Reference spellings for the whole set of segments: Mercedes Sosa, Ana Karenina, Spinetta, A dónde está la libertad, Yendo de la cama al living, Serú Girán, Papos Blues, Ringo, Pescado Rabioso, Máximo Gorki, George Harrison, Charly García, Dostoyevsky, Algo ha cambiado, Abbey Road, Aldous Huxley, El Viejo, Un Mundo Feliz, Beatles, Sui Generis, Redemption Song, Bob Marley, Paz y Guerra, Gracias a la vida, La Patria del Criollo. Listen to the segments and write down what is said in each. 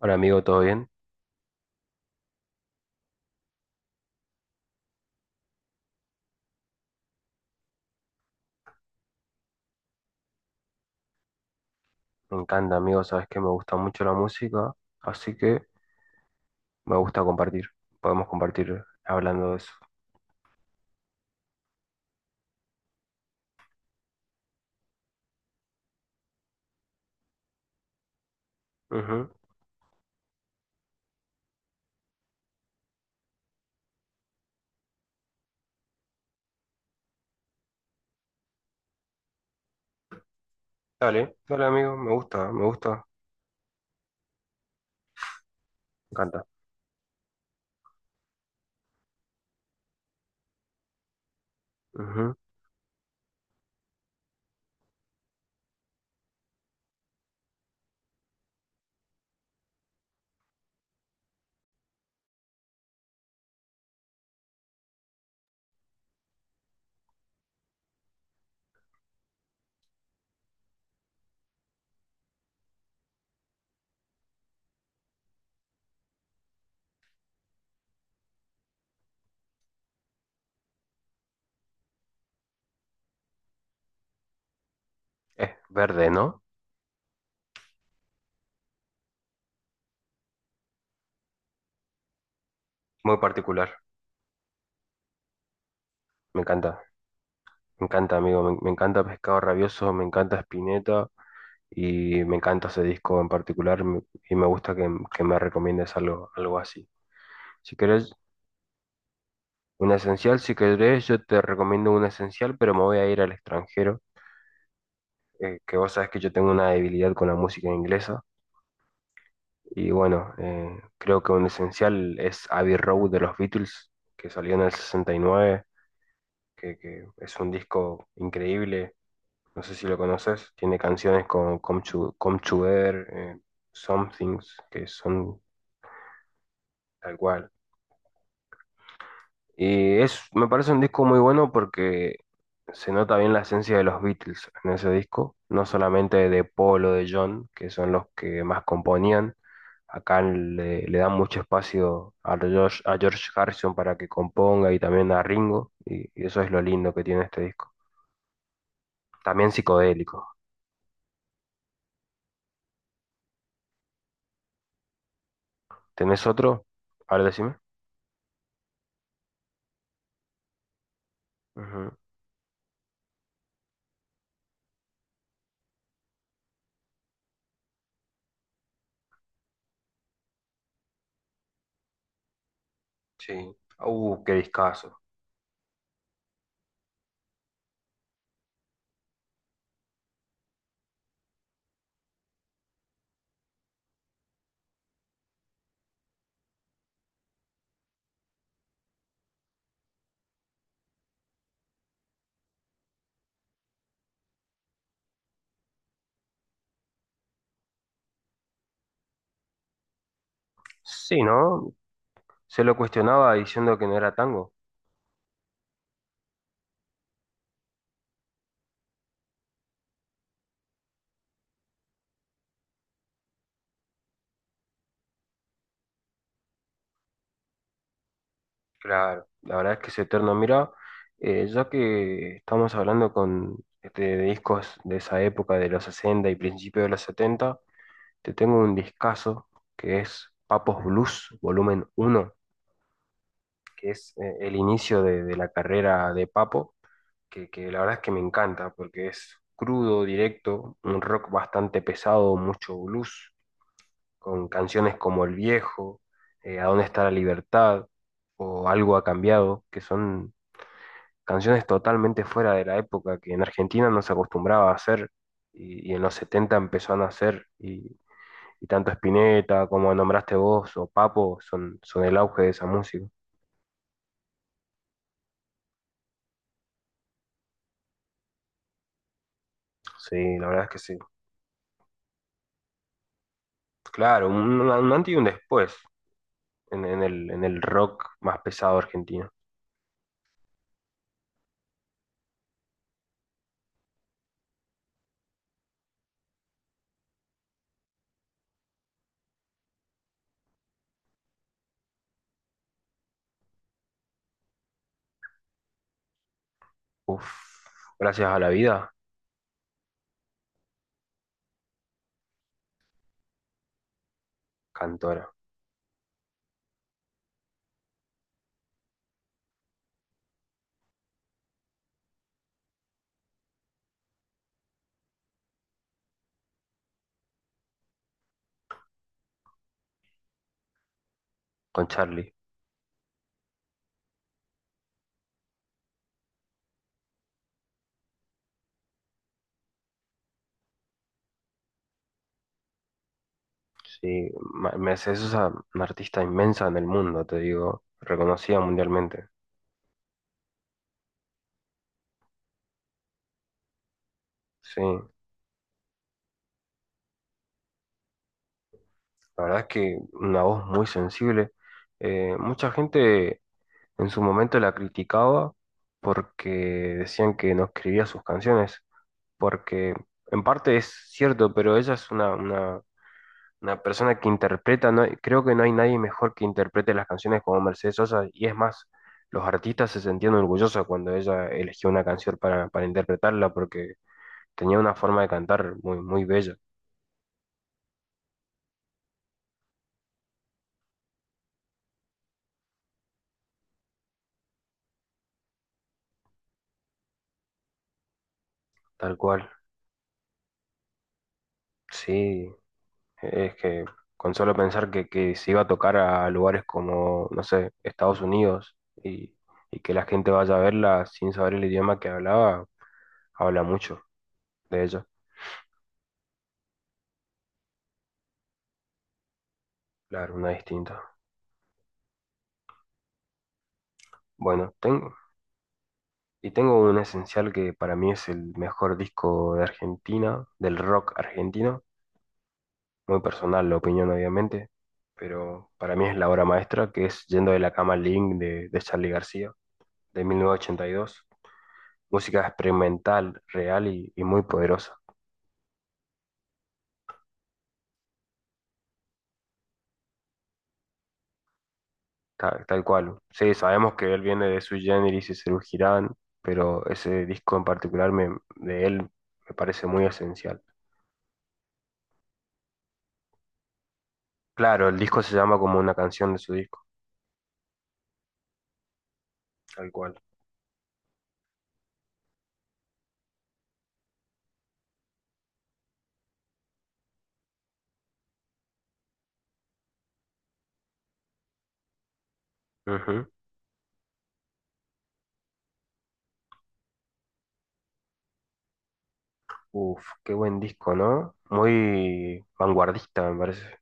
Hola amigo, ¿todo bien? Me encanta amigo, sabes que me gusta mucho la música, así que me gusta compartir. Podemos compartir hablando de eso. Ujú. Dale, dale amigo, me gusta, me gusta, me encanta. Ujú. Es verde, ¿no? Muy particular, me encanta, me encanta amigo, me encanta Pescado Rabioso, me encanta Spinetta y me encanta ese disco en particular y me gusta que me recomiendes algo, algo así. Si querés un esencial, si querés yo te recomiendo un esencial, pero me voy a ir al extranjero que vos sabés que yo tengo una debilidad con la música inglesa. Y bueno, creo que un esencial es Abbey Road de los Beatles, que salió en el 69, que es un disco increíble. No sé si lo conoces. Tiene canciones como Come to eh, Some Things, que son tal cual. Y es, me parece un disco muy bueno porque se nota bien la esencia de los Beatles en ese disco, no solamente de Paul o de John, que son los que más componían. Acá le dan mucho espacio a George Harrison para que componga y también a Ringo, y eso es lo lindo que tiene este disco. También psicodélico. ¿Tenés otro? A ver, decime. Ujú. Sí. Qué discazo. Sí, ¿no? Se lo cuestionaba diciendo que no era tango. Claro, la verdad es que es eterno. Mira, ya que estamos hablando con este, de discos de esa época, de los 60 y principios de los 70 te tengo un discazo que es Papos Blues, volumen uno, que es el inicio de la carrera de Papo, que la verdad es que me encanta porque es crudo, directo, un rock bastante pesado, mucho blues, con canciones como El Viejo, A dónde está la libertad o Algo ha cambiado, que son canciones totalmente fuera de la época que en Argentina no se acostumbraba a hacer y en los 70 empezó a nacer y tanto Spinetta como nombraste vos o Papo son, son el auge de esa música. Sí, la verdad es que sí. Claro, un antes y un después en el rock más pesado argentino. Uf, gracias a la vida. Cantora, con Charlie. Sí, Mercedes Sosa, una artista inmensa en el mundo, te digo, reconocida mundialmente. Sí, la verdad es que una voz muy sensible. Mucha gente en su momento la criticaba porque decían que no escribía sus canciones, porque en parte es cierto, pero ella es una persona que interpreta, no, creo que no hay nadie mejor que interprete las canciones como Mercedes Sosa, y es más, los artistas se sentían orgullosos cuando ella eligió una canción para interpretarla, porque tenía una forma de cantar muy, muy bella, tal cual. Sí. Es que con solo pensar que se iba a tocar a lugares como, no sé, Estados Unidos y, y que la gente vaya a verla sin saber el idioma que hablaba, habla mucho de ella. Claro, una distinta. Bueno, y tengo un esencial que para mí es el mejor disco de Argentina, del rock argentino. Muy personal la opinión, obviamente, pero para mí es la obra maestra que es Yendo de la cama al living de Charly García, de 1982. Música experimental, real y muy poderosa, tal cual. Sí, sabemos que él viene de Sui Generis y Serú Girán, pero ese disco en particular de él me parece muy esencial. Claro, el disco se llama como una canción de su disco, tal cual. Ujú. Uf, qué buen disco, ¿no? Muy vanguardista, me parece.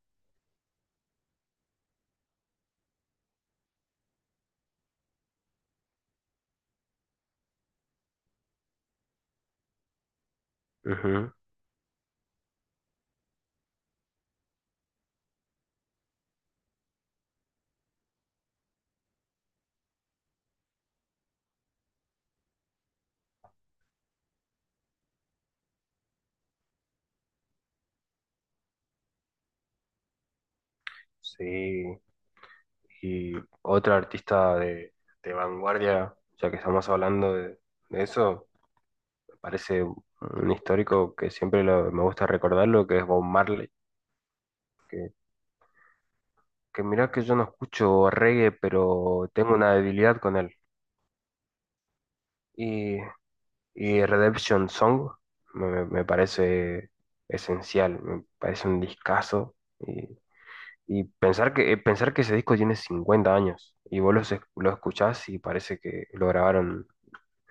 Ujú. Sí, y otra artista de vanguardia, ya que estamos hablando de eso, parece un histórico que siempre me gusta recordarlo, que es Bob Marley, que, que mirá que yo no escucho reggae, pero tengo una debilidad con él. Y, y Redemption Song me parece esencial, me parece un discazo. Y, y pensar que ese disco tiene 50 años y vos lo escuchás y parece que lo grabaron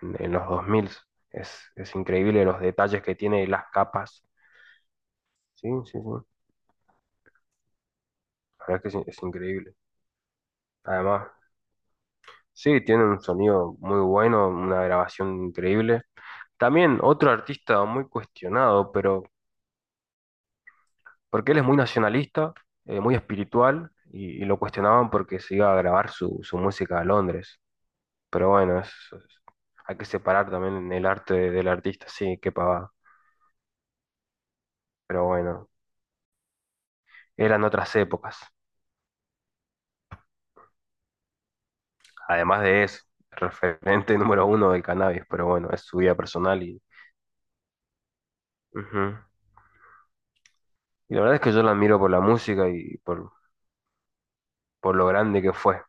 en los 2000. Es increíble los detalles que tiene, las capas. Sí. La verdad es que es increíble. Además, sí, tiene un sonido muy bueno, una grabación increíble. También otro artista muy cuestionado, pero porque él es muy nacionalista, muy espiritual, y lo cuestionaban porque se iba a grabar su música a Londres. Pero bueno, es- hay que separar también el arte del artista, sí, qué pavada. Pero bueno, eran otras épocas. Además de eso, referente número uno del cannabis, pero bueno, es su vida personal y... ujú. Y la verdad es que yo la admiro por la música y por lo grande que fue.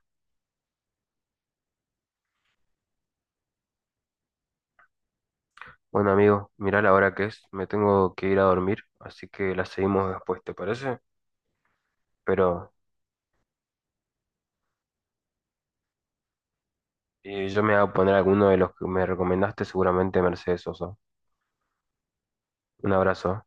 Bueno, amigo, mirá la hora que es, me tengo que ir a dormir, así que la seguimos después, ¿te parece? Pero yo me voy a poner alguno de los que me recomendaste, seguramente Mercedes Sosa. Un abrazo.